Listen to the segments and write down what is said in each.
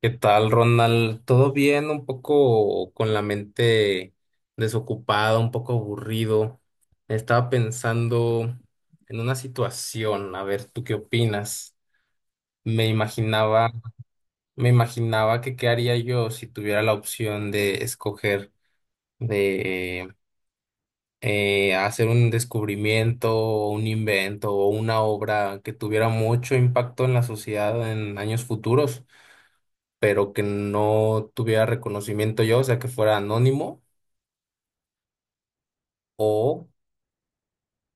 ¿Qué tal, Ronald? ¿Todo bien? Un poco con la mente desocupada, un poco aburrido. Estaba pensando en una situación, a ver, ¿tú qué opinas? Me imaginaba, me imaginaba que qué haría yo si tuviera la opción de escoger de hacer un descubrimiento, o un invento o una obra que tuviera mucho impacto en la sociedad en años futuros, pero que no tuviera reconocimiento yo, o sea, que fuera anónimo. O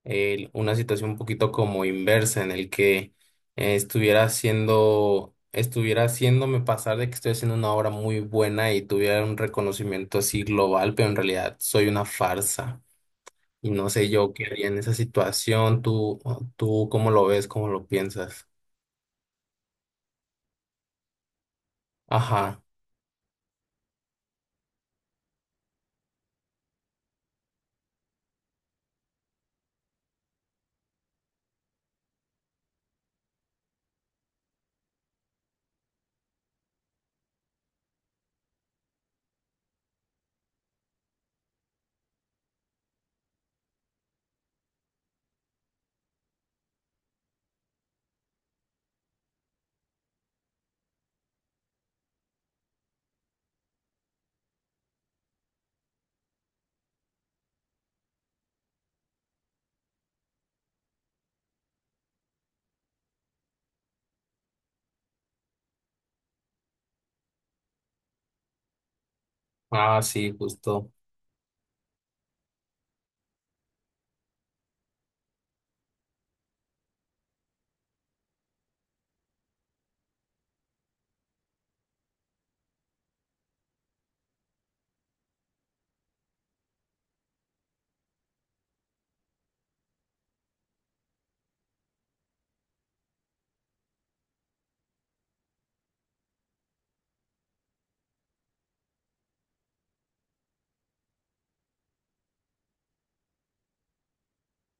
Una situación un poquito como inversa en el que estuviera haciéndome pasar de que estoy haciendo una obra muy buena y tuviera un reconocimiento así global, pero en realidad soy una farsa. Y no sé yo qué haría en esa situación, tú cómo lo ves, cómo lo piensas. Ajá. Ah, sí, justo.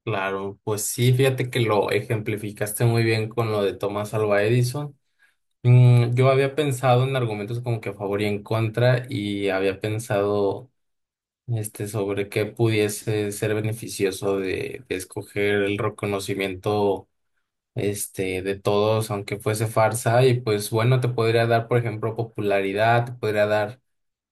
Claro, pues sí, fíjate que lo ejemplificaste muy bien con lo de Thomas Alva Edison. Mm, yo había pensado en argumentos como que a favor y en contra, y había pensado, este, sobre qué pudiese ser beneficioso de escoger el reconocimiento, este, de todos, aunque fuese farsa, y pues bueno, te podría dar, por ejemplo, popularidad, te podría dar,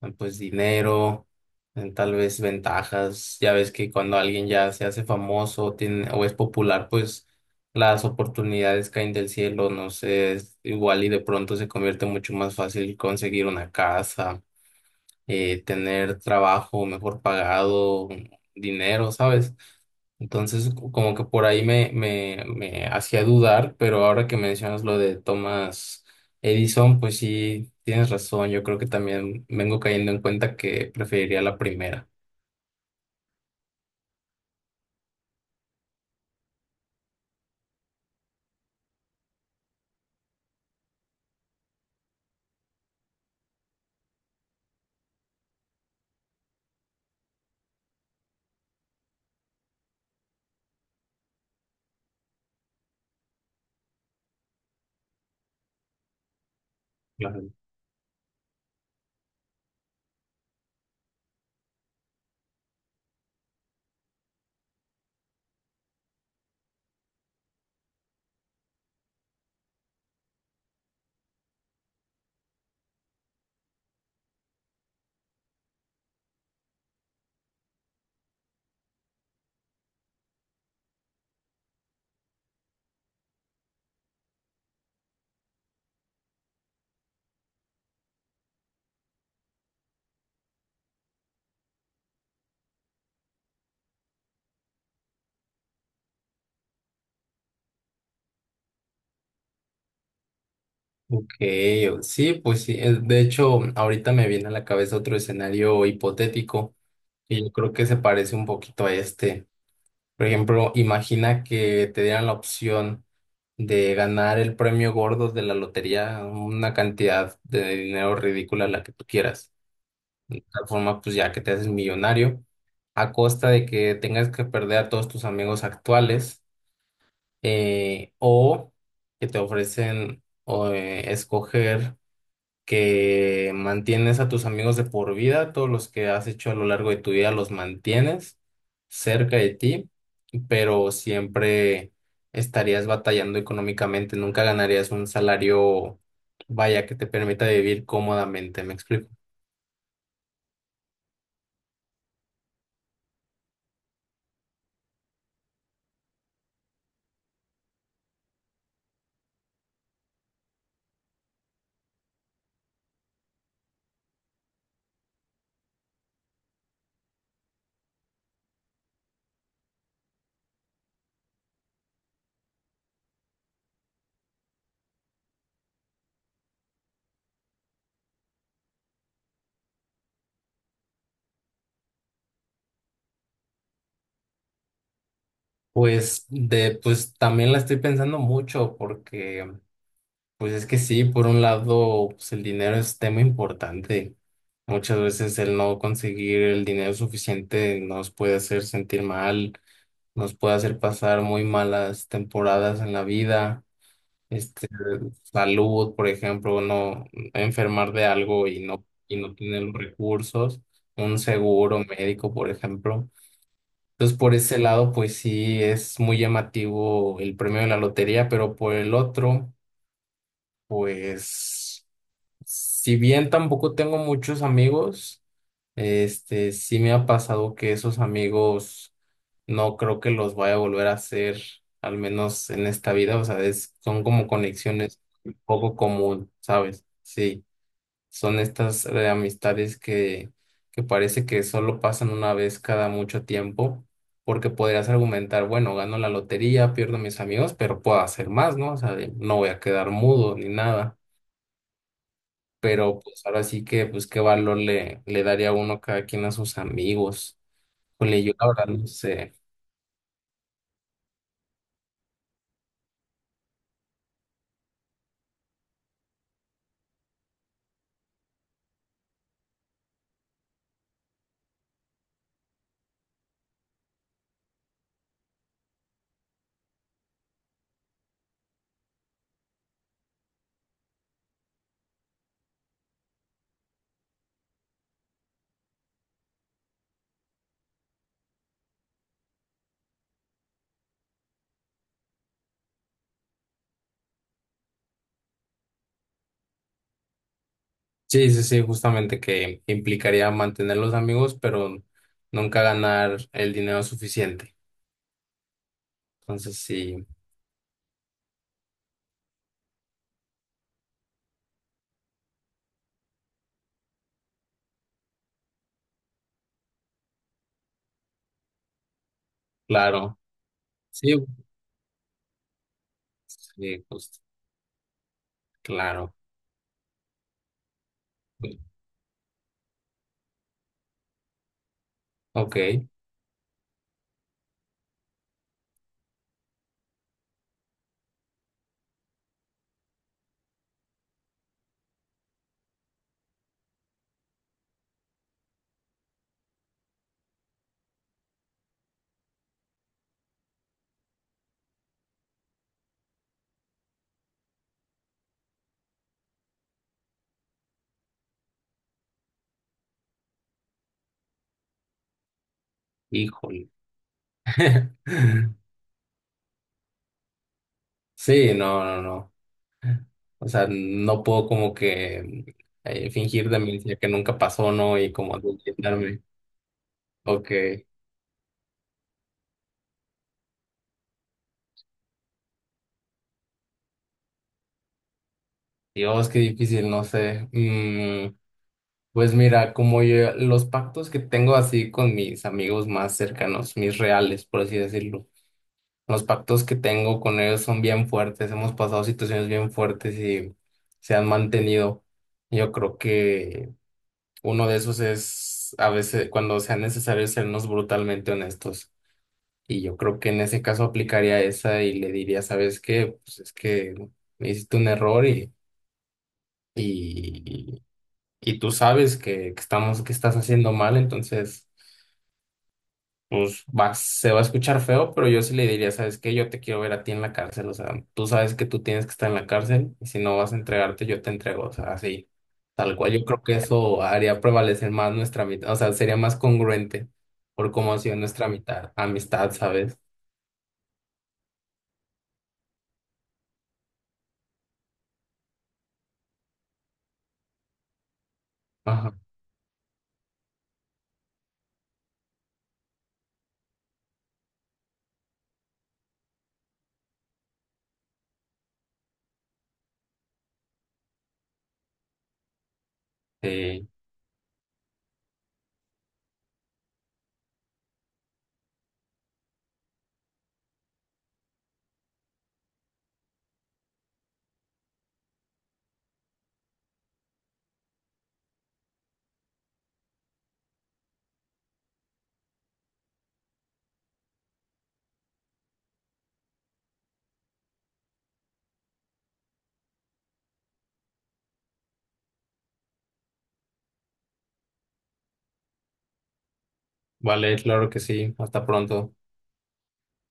pues, dinero, tal vez ventajas. Ya ves que cuando alguien ya se hace famoso tiene, o es popular, pues las oportunidades caen del cielo, no sé, es igual y de pronto se convierte mucho más fácil conseguir una casa, tener trabajo mejor pagado, dinero, ¿sabes? Entonces, como que por ahí me hacía dudar, pero ahora que mencionas lo de Thomas Edison, pues sí, tienes razón. Yo creo que también vengo cayendo en cuenta que preferiría la primera. Claro. Ok, sí, pues sí. De hecho, ahorita me viene a la cabeza otro escenario hipotético y yo creo que se parece un poquito a este. Por ejemplo, imagina que te dieran la opción de ganar el premio gordo de la lotería, una cantidad de dinero ridícula, la que tú quieras. De tal forma, pues ya que te haces millonario, a costa de que tengas que perder a todos tus amigos actuales, o que te ofrecen escoger que mantienes a tus amigos de por vida, todos los que has hecho a lo largo de tu vida los mantienes cerca de ti, pero siempre estarías batallando económicamente, nunca ganarías un salario, vaya, que te permita vivir cómodamente, ¿me explico? Pues también la estoy pensando mucho porque pues es que sí, por un lado, pues el dinero es tema importante. Muchas veces el no conseguir el dinero suficiente nos puede hacer sentir mal, nos puede hacer pasar muy malas temporadas en la vida. Este, salud, por ejemplo, no enfermar de algo y no tener los recursos, un seguro médico, por ejemplo. Entonces, por ese lado, pues sí es muy llamativo el premio de la lotería, pero por el otro, pues si bien tampoco tengo muchos amigos, este, sí me ha pasado que esos amigos no creo que los vaya a volver a hacer, al menos en esta vida. O sea, son como conexiones poco común, ¿sabes? Sí, son estas amistades que parece que solo pasan una vez cada mucho tiempo, porque podrías argumentar, bueno, gano la lotería, pierdo mis amigos, pero puedo hacer más, ¿no? O sea, no voy a quedar mudo ni nada, pero pues ahora sí que, pues qué valor le daría uno cada quien a sus amigos. Híjole, yo la verdad no sé. Sí, sí, sí, justamente que implicaría mantener los amigos, pero nunca ganar el dinero suficiente. Entonces, sí, claro. Sí, sí, pues claro. Ok, híjole. Sí, no, no, no. O sea, no puedo como que fingir de mí que nunca pasó, ¿no? Y como adultarme. Ok. Dios, qué difícil, no sé. Mm, pues mira, como yo, los pactos que tengo así con mis amigos más cercanos, mis reales, por así decirlo, los pactos que tengo con ellos son bien fuertes, hemos pasado situaciones bien fuertes y se han mantenido. Yo creo que uno de esos es a veces cuando sea necesario sernos brutalmente honestos. Y yo creo que en ese caso aplicaría esa y le diría, ¿sabes qué? Pues es que hiciste un error y... Y, y tú sabes que estamos, que estás haciendo mal, entonces, pues va, se va a escuchar feo, pero yo sí le diría, ¿sabes qué? Yo te quiero ver a ti en la cárcel, o sea, tú sabes que tú tienes que estar en la cárcel y si no vas a entregarte, yo te entrego, o sea, así, tal cual. Yo creo que eso haría prevalecer más nuestra mitad, o sea, sería más congruente por cómo ha sido amistad, ¿sabes? Ajá. Sí, vale, claro que sí, hasta pronto.